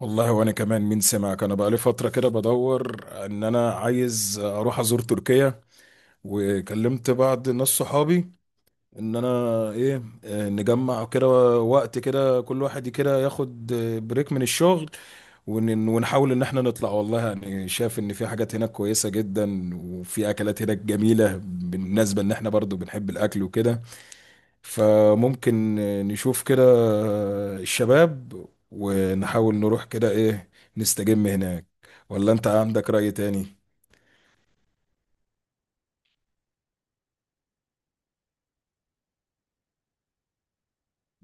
والله وانا كمان، مين سمعك؟ انا بقالي فتره كده بدور ان انا عايز اروح ازور تركيا، وكلمت بعض ناس صحابي ان انا ايه آه، نجمع كده وقت كده، كل واحد كده ياخد بريك من الشغل، ونحاول ان احنا نطلع. والله يعني شايف ان في حاجات هناك كويسه جدا وفي اكلات هناك جميله، بالنسبه ان احنا برضو بنحب الاكل وكده. فممكن نشوف كده الشباب، ونحاول نروح كده ايه، نستجم هناك. ولا انت عندك رأي تاني؟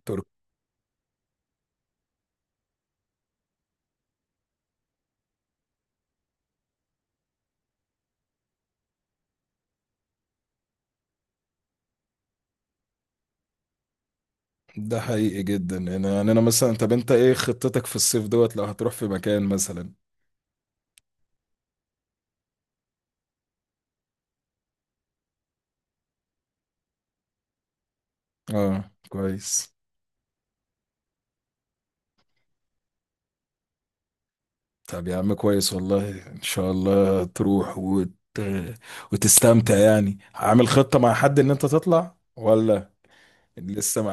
ترك ده حقيقي جدا. انا يعني انا مثلا، طب انت ايه خطتك في الصيف دوت؟ لو هتروح في مكان مثلا. اه كويس. طب يا عم كويس، والله ان شاء الله تروح وتستمتع. يعني عامل خطة مع حد ان انت تطلع ولا؟ لسه؟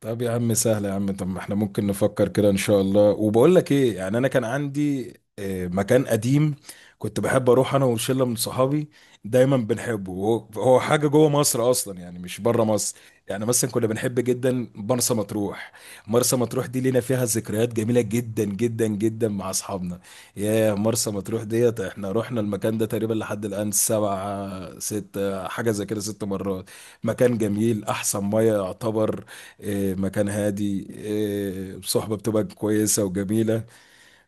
طب يا عم سهل يا عم، طب ما احنا ممكن نفكر كده ان شاء الله. وبقول لك ايه، يعني انا كان عندي مكان قديم كنت بحب اروح انا وشله من صحابي، دايما بنحبه. هو هو حاجه جوه مصر اصلا، يعني مش بره مصر. يعني مثلا كنا بنحب جدا مرسى مطروح. مرسى مطروح دي لينا فيها ذكريات جميله جدا جدا جدا مع اصحابنا. يا مرسى مطروح ديت، احنا رحنا المكان ده تقريبا لحد الان سبعة ستة حاجه زي كده 6 مرات. مكان جميل، احسن ميه يعتبر، مكان هادي، صحبة بتبقى كويسة وجميلة.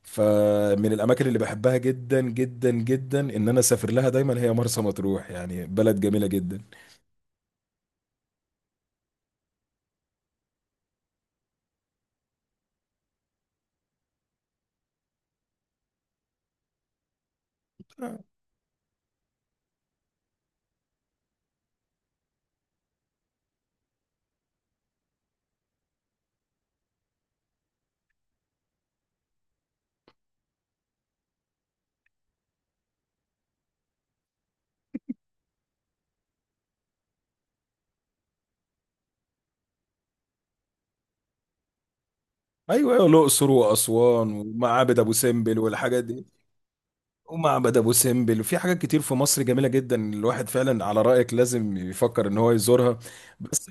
فمن الأماكن اللي بحبها جدا جدا جدا إن أنا أسافر لها دايما هي مرسى مطروح، يعني بلد جميلة جدا. أيوة أيوة، الأقصر وأسوان ومعابد أبو سمبل والحاجات دي. ومعبد أبو سمبل، وفي حاجات كتير في مصر جميلة جدا، الواحد فعلا على رأيك لازم يفكر إن هو يزورها. بس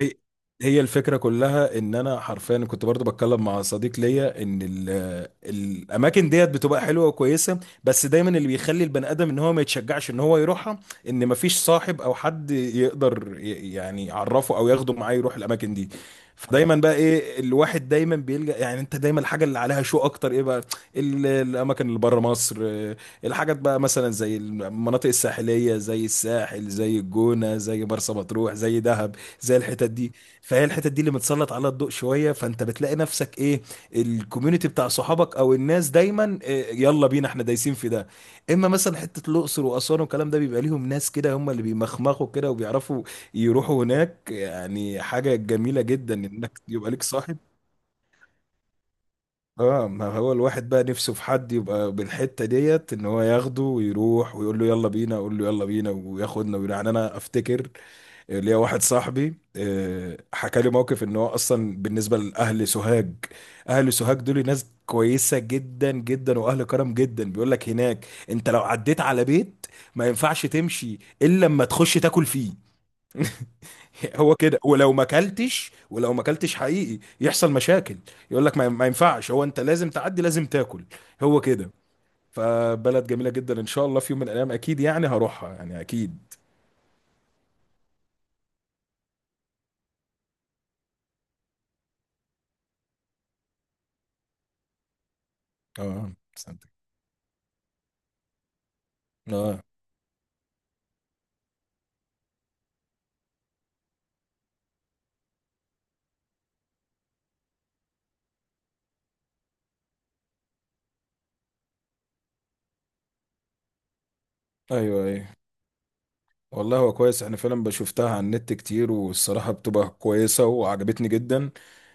هي هي الفكرة كلها ان انا حرفيا كنت برضو بتكلم مع صديق ليا ان ال الاماكن ديت بتبقى حلوة وكويسة، بس دايما اللي بيخلي البني ادم ان هو ما يتشجعش ان هو يروحها ان مفيش صاحب او حد يقدر يعني يعرفه او ياخده معاه يروح الاماكن دي. فدايما بقى ايه، الواحد دايما بيلجأ، يعني انت دايما الحاجة اللي عليها شو اكتر ايه بقى الاماكن اللي بره مصر، الحاجات بقى مثلا زي المناطق الساحلية، زي الساحل، زي الجونة، زي مرسى مطروح، زي دهب، زي الحتت دي. فهي الحتت دي اللي متسلط عليها الضوء شويه، فانت بتلاقي نفسك ايه، الكوميونتي بتاع صحابك او الناس دايما إيه، يلا بينا احنا دايسين في ده. اما مثلا حته الاقصر واسوان والكلام ده، بيبقى ليهم ناس كده هم اللي بيمخمخوا كده وبيعرفوا يروحوا هناك، يعني حاجه جميله جدا انك يبقى ليك صاحب. اه، ما هو الواحد بقى نفسه في حد يبقى بالحته ديت ان هو ياخده ويروح ويقول له يلا بينا، اقول له يلا بينا وياخدنا ويروح. يعني انا افتكر ليا واحد صاحبي حكى لي موقف ان هو اصلا بالنسبه لاهل سوهاج. اهل سوهاج دول ناس كويسه جدا جدا واهل كرم جدا، بيقول لك هناك انت لو عديت على بيت ما ينفعش تمشي الا لما تخش تاكل فيه. هو كده، ولو ما اكلتش، ولو ما اكلتش حقيقي يحصل مشاكل، يقول لك ما ينفعش، هو انت لازم تعدي لازم تاكل. هو كده. فبلد جميله جدا، ان شاء الله في يوم من الايام اكيد يعني هروحها يعني اكيد. اه. سنتك. اه. ايوه ايوه، والله هو كويس، انا فعلا بشوفتها على النت كتير والصراحة بتبقى كويسة وعجبتني جدا.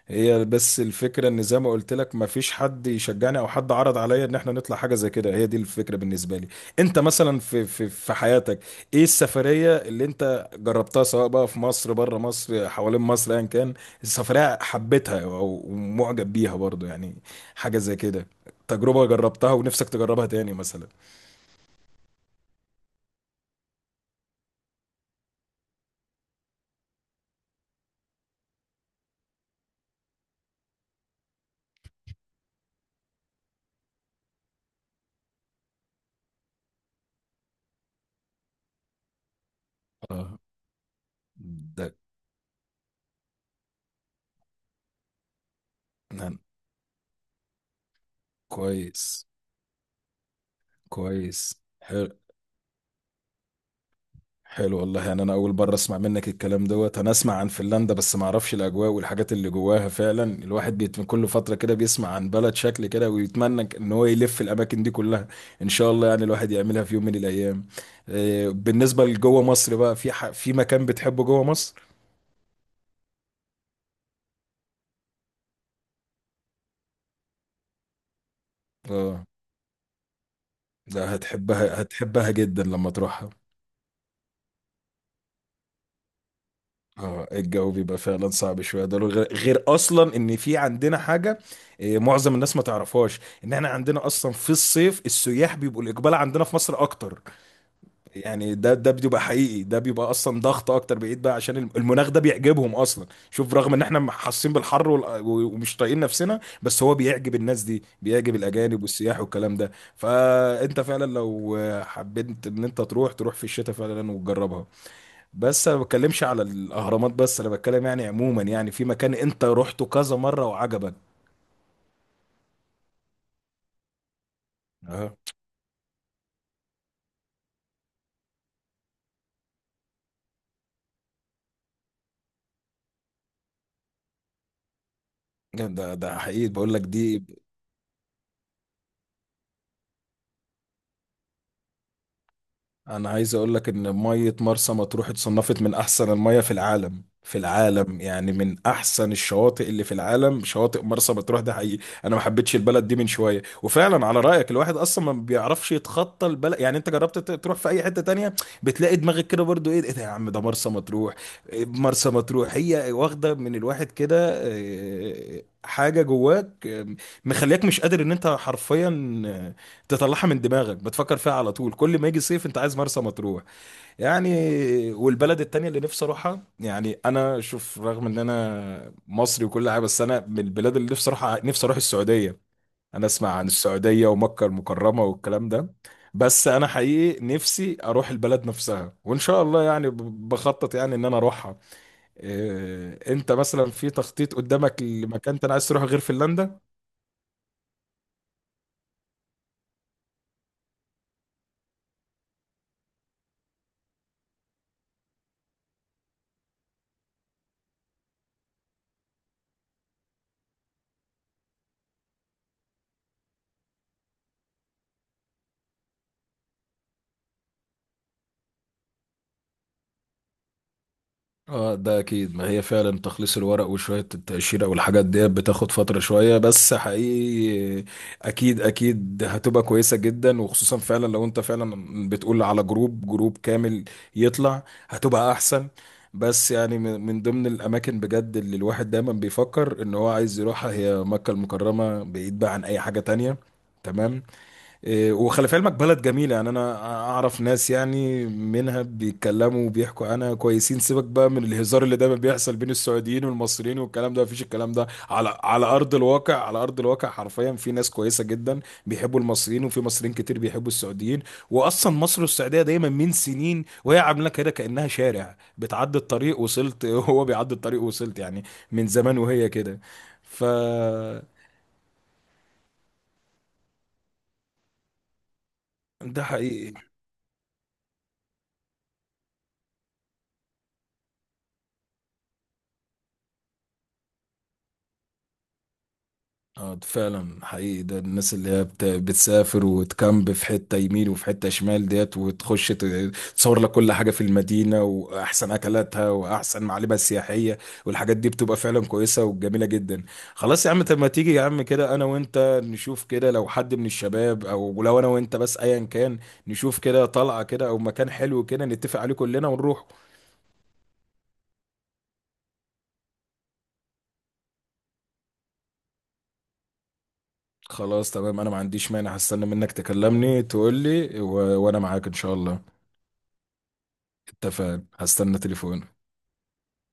هي بس الفكرة ان زي ما قلت لك مفيش حد يشجعني او حد عرض عليا ان احنا نطلع حاجة زي كده، هي دي الفكرة بالنسبة لي. انت مثلا في حياتك ايه السفرية اللي انت جربتها، سواء بقى في مصر، بره مصر، حوالين مصر، ايا كان. السفرية حبيتها او معجب بيها برضو، يعني حاجة زي كده، تجربة جربتها ونفسك تجربها تاني مثلا. اه. ده. نعم. كويس. كويس. حلو. حلو والله، يعني انا اول مره اسمع منك الكلام دوت، انا اسمع عن فنلندا بس ما اعرفش الاجواء والحاجات اللي جواها. فعلا الواحد بيت من كل فتره كده بيسمع عن بلد شكل كده ويتمنى ان هو يلف الاماكن دي كلها. ان شاء الله يعني الواحد يعملها في يوم من الايام. بالنسبه لجوه مصر بقى، في في مكان بتحبه جوه مصر؟ اه ده، هتحبها هتحبها جدا لما تروحها. اه الجو بيبقى فعلا صعب شويه، ده غير اصلا ان في عندنا حاجه معظم الناس ما تعرفهاش، ان احنا عندنا اصلا في الصيف السياح بيبقوا الاقبال عندنا في مصر اكتر. يعني ده بيبقى حقيقي، ده بيبقى اصلا ضغط اكتر، بعيد بقى، عشان المناخ ده بيعجبهم اصلا، شوف رغم ان احنا حاسين بالحر ومش طايقين نفسنا، بس هو بيعجب الناس دي، بيعجب الاجانب والسياح والكلام ده. فانت فعلا لو حبيت ان انت تروح، تروح في الشتاء فعلا وتجربها. بس انا ما بتكلمش على الاهرامات، بس انا بتكلم يعني عموما، يعني في مكان انت رحته كذا مره وعجبك؟ اه ده. ده حقيقي بقول لك، دي انا عايز اقول لك ان ميه مرسى مطروح اتصنفت من احسن الميه في العالم. في العالم، يعني من احسن الشواطئ اللي في العالم شواطئ مرسى مطروح. ده حقيقي انا ما حبيتش البلد دي من شويه، وفعلا على رايك الواحد اصلا ما بيعرفش يتخطى البلد. يعني انت جربت تروح في اي حته تانية، بتلاقي دماغك كده برضو ايه؟ إيه ده يا عم؟ ده مرسى مطروح. إيه مرسى مطروح؟ هي واخده من الواحد كده حاجه جواك مخلياك مش قادر ان انت حرفيا تطلعها من دماغك، بتفكر فيها على طول كل ما يجي صيف انت عايز مرسى مطروح يعني. والبلد التانية اللي نفسي اروحها، يعني انا شوف رغم ان انا مصري وكل حاجة، بس انا من البلاد اللي نفسي اروحها، نفسي اروح السعودية. انا اسمع عن السعودية ومكة المكرمة والكلام ده، بس انا حقيقي نفسي اروح البلد نفسها، وان شاء الله يعني بخطط يعني ان انا اروحها. انت مثلا في تخطيط قدامك لمكان انت عايز تروح غير فنلندا؟ اه ده اكيد، ما هي فعلا تخليص الورق وشوية التقشيرة والحاجات ديت بتاخد فترة شوية، بس حقيقي اكيد اكيد هتبقى كويسة جدا، وخصوصا فعلا لو انت فعلا بتقول على جروب كامل يطلع هتبقى احسن. بس يعني من ضمن الاماكن بجد اللي الواحد دايما بيفكر ان هو عايز يروحها هي مكة المكرمة، بعيد بقى عن اي حاجة تانية. تمام. وخلي في علمك بلد جميلة، يعني أنا أعرف ناس يعني منها بيتكلموا وبيحكوا عنها كويسين. سيبك بقى من الهزار اللي دايما بيحصل بين السعوديين والمصريين والكلام ده، مفيش الكلام ده على أرض الواقع، على أرض الواقع حرفيا في ناس كويسة جدا، بيحبوا المصريين وفي مصريين كتير بيحبوا السعوديين. وأصلا مصر والسعودية دايما من سنين وهي عاملة كده، كأنها شارع بتعدي الطريق وصلت هو بيعدي الطريق وصلت يعني، من زمان وهي كده. ف. ده حقيقي. اه ده فعلا حقيقي ده، الناس اللي هي بتسافر وتكامب في حتة يمين وفي حتة شمال ديت وتخش تصور لك كل حاجة في المدينة وأحسن أكلاتها وأحسن معالمها السياحية، والحاجات دي بتبقى فعلا كويسة وجميلة جدا. خلاص يا عم، طب ما تيجي يا عم كده أنا وأنت نشوف كده، لو حد من الشباب أو لو أنا وأنت بس أيا كان، نشوف كده طلعة كده أو مكان حلو كده نتفق عليه كلنا ونروح. خلاص تمام، أنا ما عنديش مانع، هستنى منك تكلمني تقول لي وأنا معاك إن شاء الله. اتفقنا، هستنى تليفون.